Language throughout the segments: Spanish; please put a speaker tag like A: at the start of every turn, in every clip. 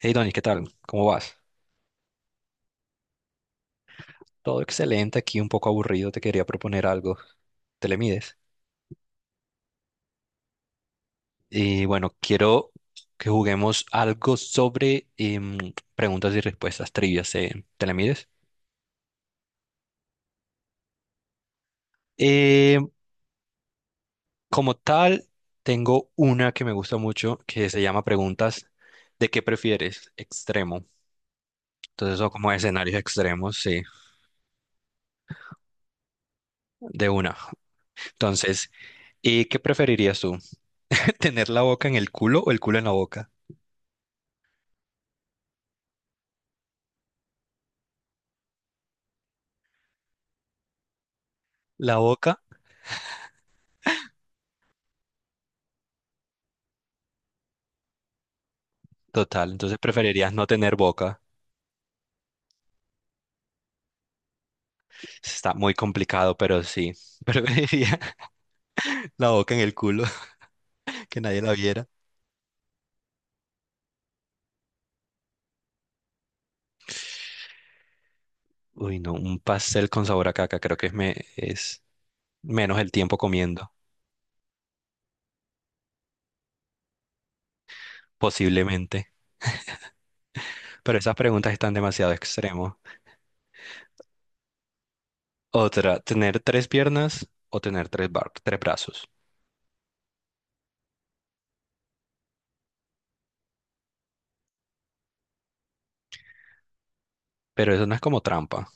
A: Hey Donny, ¿qué tal? ¿Cómo vas? Todo excelente, aquí un poco aburrido, te quería proponer algo. ¿Te le mides? Y bueno, quiero que juguemos algo sobre preguntas y respuestas trivias. ¿Te le mides? Eh, como tal, tengo una que me gusta mucho que se llama preguntas de qué prefieres extremo. Entonces, son como escenarios extremos, sí, de una. Entonces, ¿y qué preferirías tú? ¿Tener la boca en el culo o el culo en la boca? La boca. Total, entonces preferirías no tener boca. Está muy complicado, pero sí. Preferiría la boca en el culo, que nadie la viera. Uy, no, un pastel con sabor a caca, creo que es, me, es menos el tiempo comiendo, posiblemente. Pero esas preguntas están demasiado extremos. Otra, tener tres piernas o tener tres, tres brazos. Pero eso no es como trampa.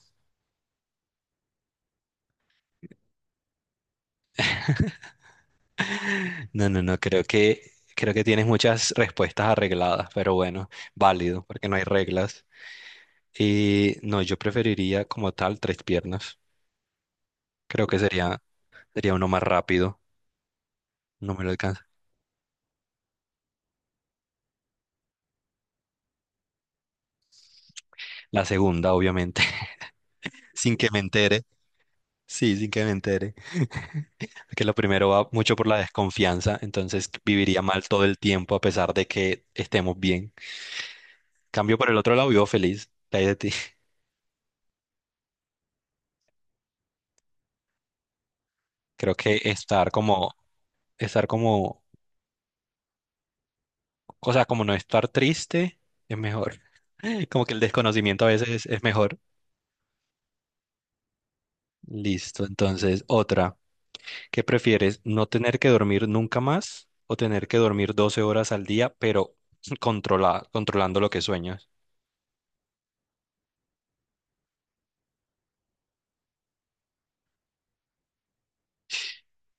A: No, no, no, creo que tienes muchas respuestas arregladas, pero bueno, válido, porque no hay reglas. Y no, yo preferiría como tal tres piernas. Creo que sería, sería uno más rápido. No me lo alcanza. La segunda, obviamente, sin que me entere. Sí, sin que me entere. Porque lo primero va mucho por la desconfianza, entonces viviría mal todo el tiempo a pesar de que estemos bien. Cambio por el otro lado, vivo feliz. ¿Qué hay de ti? Creo que estar como, o sea, como no estar triste es mejor. Como que el desconocimiento a veces es mejor. Listo, entonces otra. ¿Qué prefieres? ¿No tener que dormir nunca más o tener que dormir 12 horas al día, pero controlando lo que sueñas?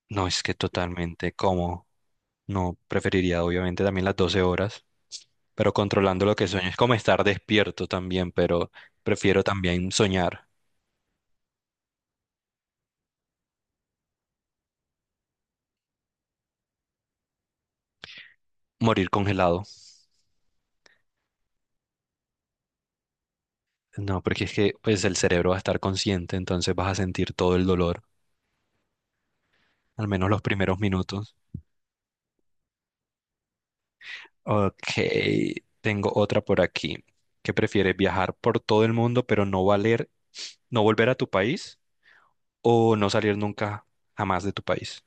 A: No, es que totalmente, ¿cómo? No, preferiría obviamente también las 12 horas, pero controlando lo que sueñas. Es como estar despierto también, pero prefiero también soñar, morir congelado. No, porque es que pues el cerebro va a estar consciente, entonces vas a sentir todo el dolor, al menos los primeros minutos. Ok, tengo otra por aquí. ¿Qué prefieres? ¿Viajar por todo el mundo pero no volver a tu país o no salir nunca jamás de tu país?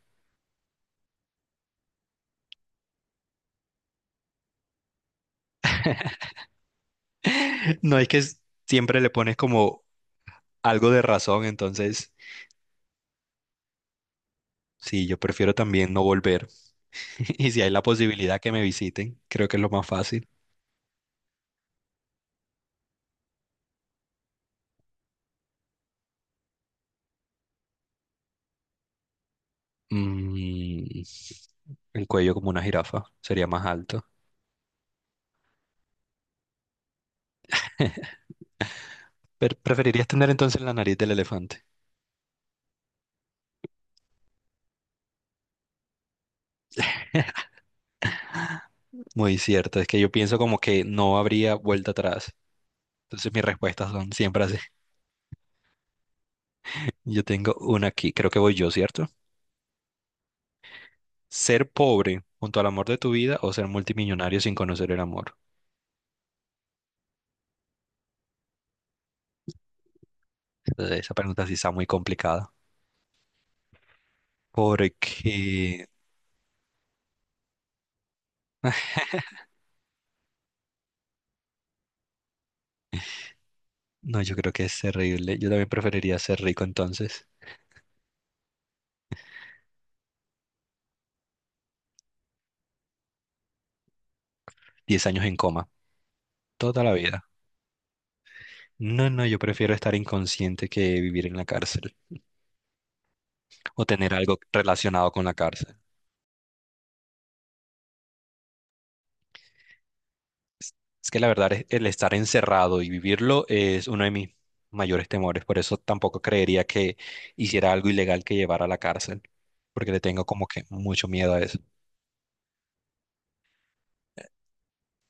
A: No es que siempre le pones como algo de razón, entonces sí, yo prefiero también no volver. Y si hay la posibilidad que me visiten, creo que es lo más fácil. Mm, el cuello como una jirafa sería más alto. Pero preferirías tener entonces la nariz del elefante. Muy cierto, es que yo pienso como que no habría vuelta atrás. Entonces mis respuestas son siempre así. Yo tengo una aquí, creo que voy yo, ¿cierto? Ser pobre junto al amor de tu vida o ser multimillonario sin conocer el amor. Entonces, esa pregunta sí está muy complicada. Porque, no, yo creo que es terrible. Yo también preferiría ser rico entonces. Diez años en coma, toda la vida. No, no, yo prefiero estar inconsciente que vivir en la cárcel o tener algo relacionado con la cárcel. Es que la verdad es el estar encerrado y vivirlo es uno de mis mayores temores. Por eso tampoco creería que hiciera algo ilegal que llevara a la cárcel, porque le tengo como que mucho miedo a eso.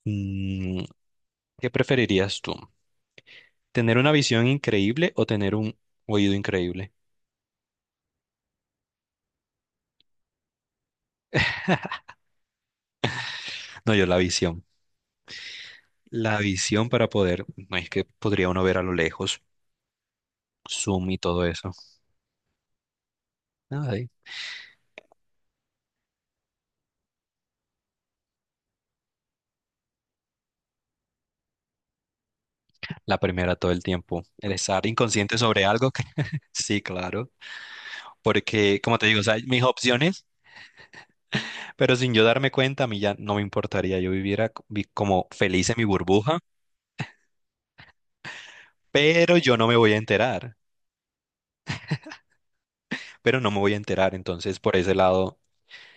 A: Mm, ¿qué preferirías tú? ¿Tener una visión increíble o tener un oído increíble? No, yo la visión. La visión para poder, no es que podría uno ver a lo lejos, zoom y todo eso. Nada, la primera todo el tiempo. El estar inconsciente sobre algo. Sí, claro. Porque, como te digo, o sea, mis opciones, pero sin yo darme cuenta, a mí ya no me importaría. Yo viviera como feliz en mi burbuja, pero yo no me voy a enterar. Pero no me voy a enterar. Entonces, por ese lado,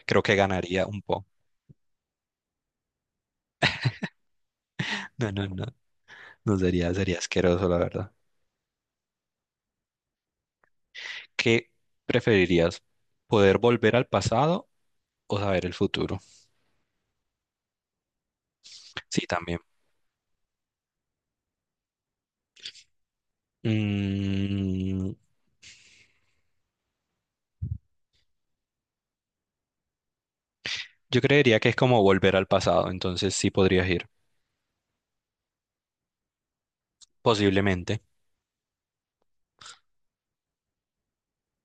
A: creo que ganaría un poco. No, no, no. No sería, sería asqueroso, la verdad. ¿Qué preferirías? ¿Poder volver al pasado o saber el futuro? Sí, también. Mm, yo creería que es como volver al pasado, entonces sí podrías ir, posiblemente.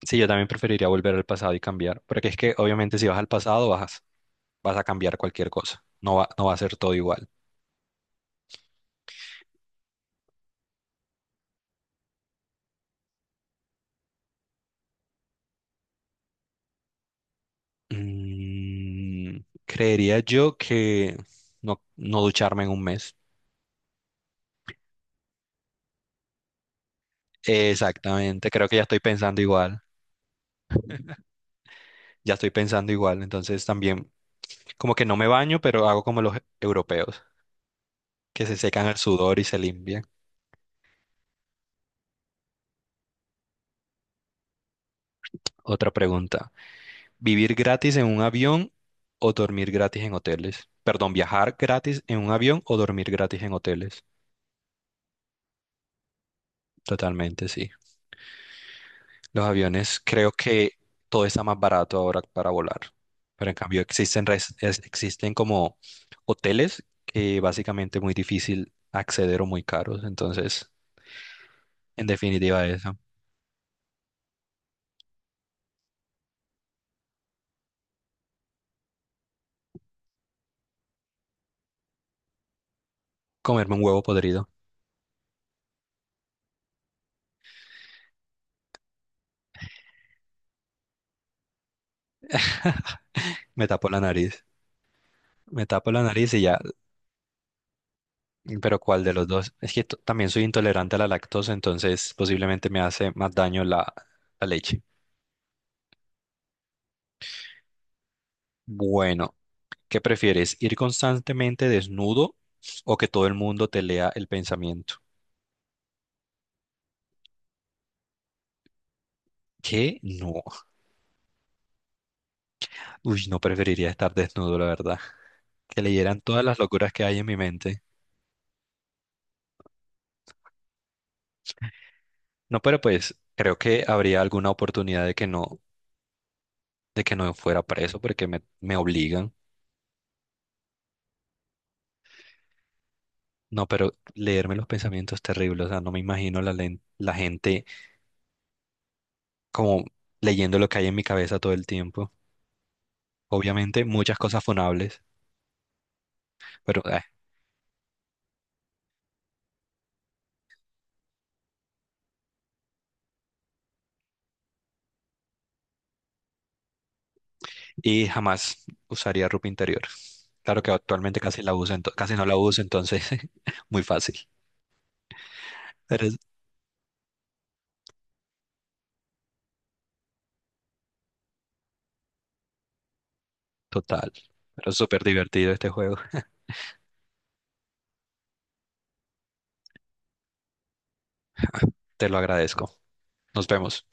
A: Sí, yo también preferiría volver al pasado y cambiar, porque es que obviamente si vas al pasado vas, vas a cambiar cualquier cosa, no va a ser todo igual. Mm, creería yo que no, no ducharme en un mes. Exactamente, creo que ya estoy pensando igual, ya estoy pensando igual, entonces también como que no me baño, pero hago como los europeos, que se secan el sudor y se limpian. Otra pregunta. Vivir gratis en un avión o dormir gratis en hoteles. Perdón, viajar gratis en un avión o dormir gratis en hoteles. Totalmente, sí. Los aviones, creo que todo está más barato ahora para volar. Pero en cambio existen, existen como hoteles que básicamente es muy difícil acceder o muy caros. Entonces, en definitiva, eso. Comerme un huevo podrido. Me tapo la nariz. Me tapo la nariz y ya. Pero ¿cuál de los dos? Es que también soy intolerante a la lactosa, entonces posiblemente me hace más daño la, la leche. Bueno, ¿qué prefieres? ¿Ir constantemente desnudo o que todo el mundo te lea el pensamiento? ¿Qué? No. Uy, no preferiría estar desnudo, la verdad. Que leyeran todas las locuras que hay en mi mente. No, pero pues creo que habría alguna oportunidad de que no fuera preso porque me obligan. No, pero leerme los pensamientos terribles, o sea, no me imagino la, la gente como leyendo lo que hay en mi cabeza todo el tiempo. Obviamente, muchas cosas funables, pero y jamás usaría ropa interior. Claro que actualmente casi la uso, casi no la uso, entonces muy fácil. Pero es total, pero es súper divertido este juego. Te lo agradezco. Nos vemos.